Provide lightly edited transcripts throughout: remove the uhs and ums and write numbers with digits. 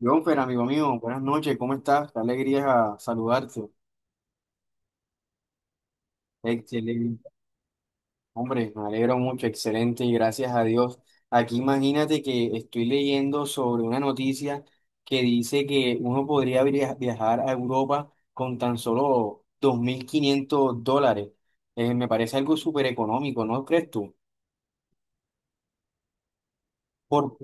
Jonfer, amigo mío, buenas noches, ¿cómo estás? Qué alegría saludarte. Excelente. Hombre, me alegro mucho, excelente y gracias a Dios. Aquí imagínate que estoy leyendo sobre una noticia que dice que uno podría viajar a Europa con tan solo $2,500. Me parece algo súper económico, ¿no crees tú? Por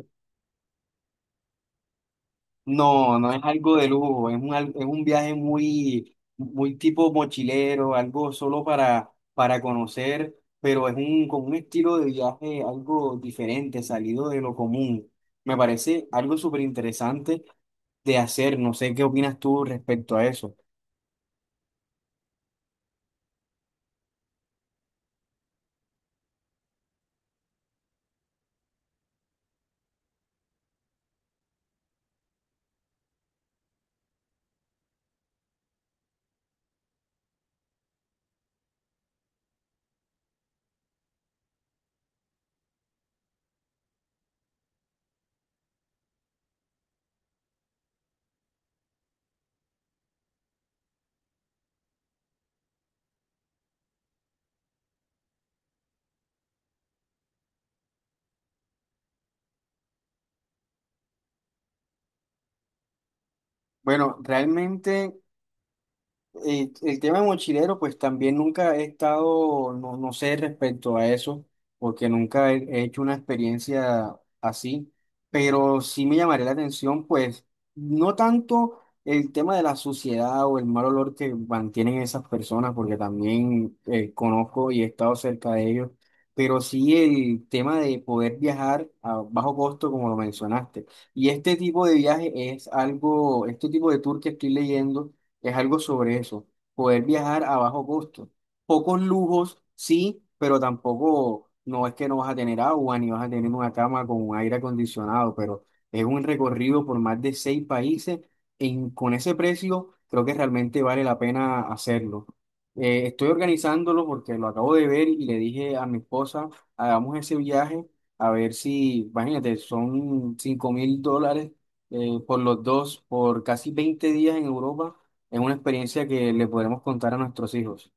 No, no es algo de lujo, es un viaje muy, muy tipo mochilero, algo solo para conocer, pero con un estilo de viaje algo diferente, salido de lo común. Me parece algo súper interesante de hacer, no sé qué opinas tú respecto a eso. Bueno, realmente. El tema de mochilero, pues también nunca he estado, no, no sé respecto a eso, porque nunca he hecho una experiencia así, pero sí me llamaría la atención, pues no tanto el tema de la suciedad o el mal olor que mantienen esas personas, porque también conozco y he estado cerca de ellos, pero sí el tema de poder viajar a bajo costo, como lo mencionaste. Y este tipo de viaje este tipo de tour que estoy leyendo es algo sobre eso. Poder viajar a bajo costo. Pocos lujos, sí, pero tampoco no es que no vas a tener agua ni vas a tener una cama con un aire acondicionado, pero es un recorrido por más de seis países. Con ese precio, creo que realmente vale la pena hacerlo. Estoy organizándolo porque lo acabo de ver y le dije a mi esposa, hagamos ese viaje a ver si, imagínate, son $5,000, por los dos, por casi 20 días en Europa. Es una experiencia que le podremos contar a nuestros hijos.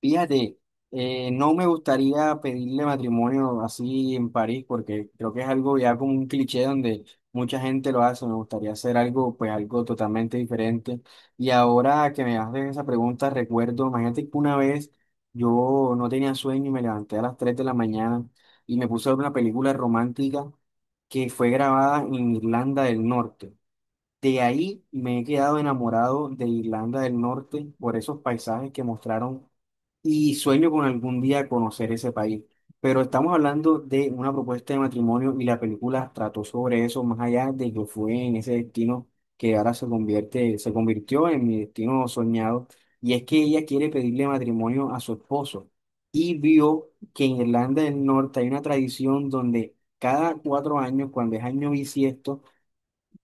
Fíjate, no me gustaría pedirle matrimonio así en París porque creo que es algo ya como un cliché donde mucha gente lo hace. Me gustaría hacer algo, pues algo totalmente diferente. Y ahora que me haces esa pregunta, recuerdo, imagínate que una vez yo no tenía sueño y me levanté a las 3 de la mañana y me puse a ver una película romántica que fue grabada en Irlanda del Norte. De ahí me he quedado enamorado de Irlanda del Norte por esos paisajes que mostraron y sueño con algún día conocer ese país. Pero estamos hablando de una propuesta de matrimonio y la película trató sobre eso más allá de que fue en ese destino que ahora se convirtió en mi destino soñado. Y es que ella quiere pedirle matrimonio a su esposo y vio que en Irlanda del Norte hay una tradición donde cada 4 años, cuando es año bisiesto,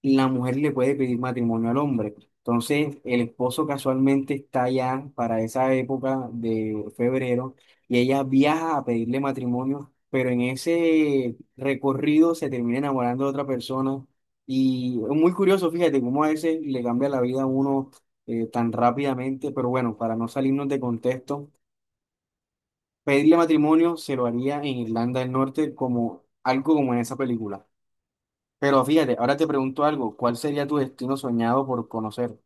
la mujer le puede pedir matrimonio al hombre. Entonces, el esposo casualmente está allá para esa época de febrero y ella viaja a pedirle matrimonio, pero en ese recorrido se termina enamorando de otra persona. Y es muy curioso, fíjate, cómo a veces le cambia la vida a uno, tan rápidamente, pero bueno, para no salirnos de contexto, pedirle matrimonio se lo haría en Irlanda del Norte como algo como en esa película. Pero fíjate, ahora te pregunto algo, ¿cuál sería tu destino soñado por conocer?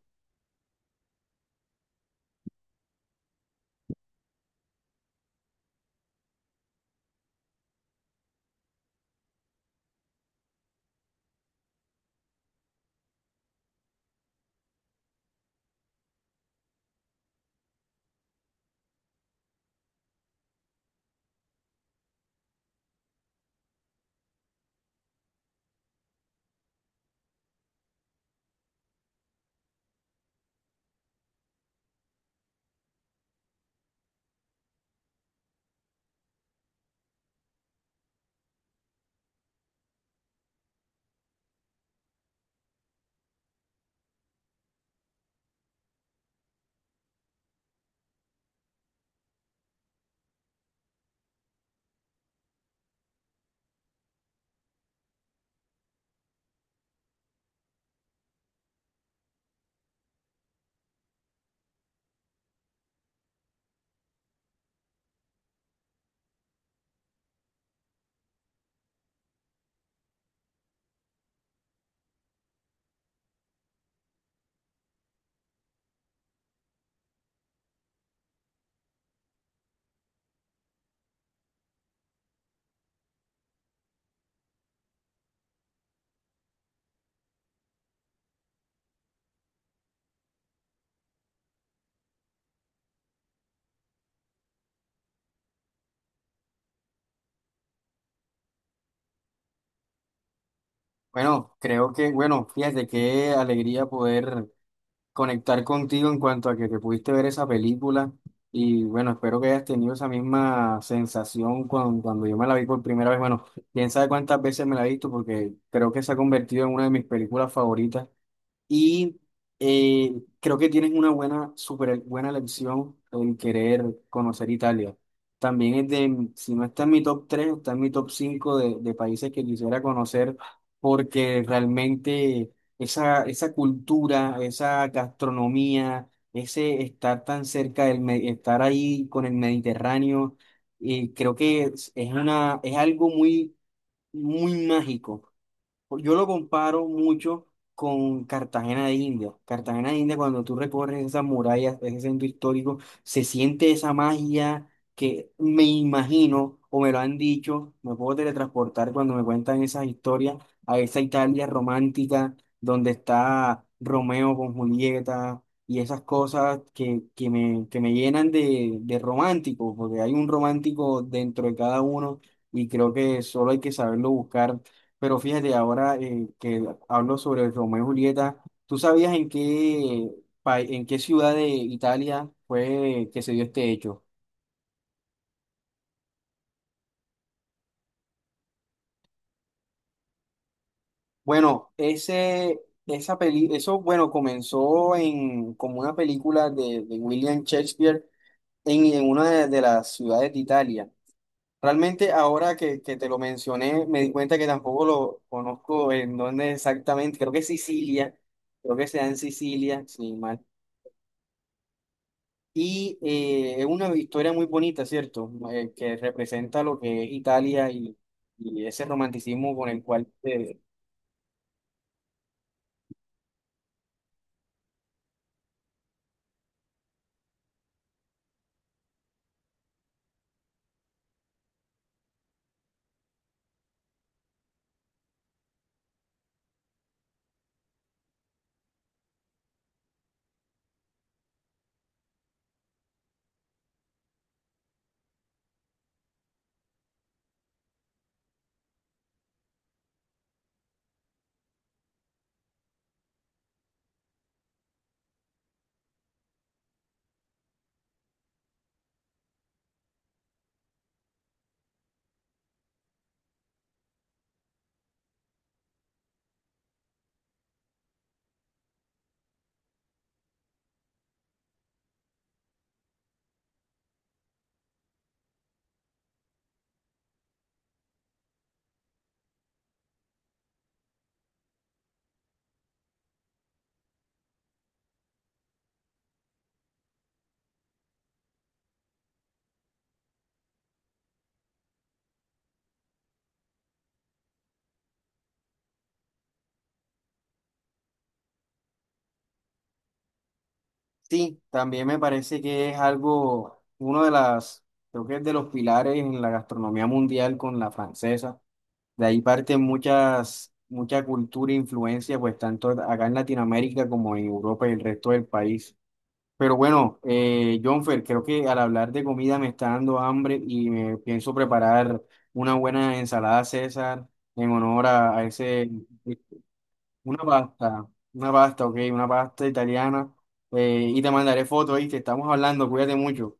Bueno, creo que, bueno, fíjate qué alegría poder conectar contigo en cuanto a que te pudiste ver esa película y bueno, espero que hayas tenido esa misma sensación cuando, cuando yo me la vi por primera vez. Bueno, quién sabe cuántas veces me la he visto porque creo que se ha convertido en una de mis películas favoritas. Y eh, creo que tienes una buena, súper buena elección en querer conocer Italia. También es de, si no está en mi top 3 está en mi top 5 de países que quisiera conocer, porque realmente esa, esa cultura, esa gastronomía, ese estar tan cerca estar ahí con el Mediterráneo, y creo que es algo muy, muy mágico. Yo lo comparo mucho con Cartagena de India. Cartagena de India, cuando tú recorres esas murallas, ese centro histórico, se siente esa magia que me imagino, o me lo han dicho, me puedo teletransportar cuando me cuentan esas historias a esa Italia romántica donde está Romeo con Julieta y esas cosas que me llenan de romántico, porque hay un romántico dentro de cada uno y creo que solo hay que saberlo buscar. Pero fíjate, ahora que hablo sobre el Romeo y Julieta, ¿tú sabías en qué ciudad de Italia fue que se dio este hecho? Bueno, ese, esa peli, eso, bueno, comenzó como una película de William Shakespeare en una de las ciudades de Italia. Realmente ahora que te lo mencioné, me di cuenta que tampoco lo conozco en dónde exactamente, creo que es Sicilia, creo que sea en Sicilia, sí, mal. Y es una historia muy bonita, ¿cierto? Que representa lo que es Italia y, ese romanticismo con el cual. Sí, también me parece que es algo, uno de las, creo que es de los pilares en la gastronomía mundial con la francesa. De ahí parten mucha cultura e influencia, pues tanto acá en Latinoamérica como en Europa y el resto del país. Pero bueno, Jonfer, creo que al hablar de comida me está dando hambre y me pienso preparar una buena ensalada César en honor una pasta, una pasta, ok, una pasta italiana. Y te mandaré fotos, y te estamos hablando, cuídate mucho.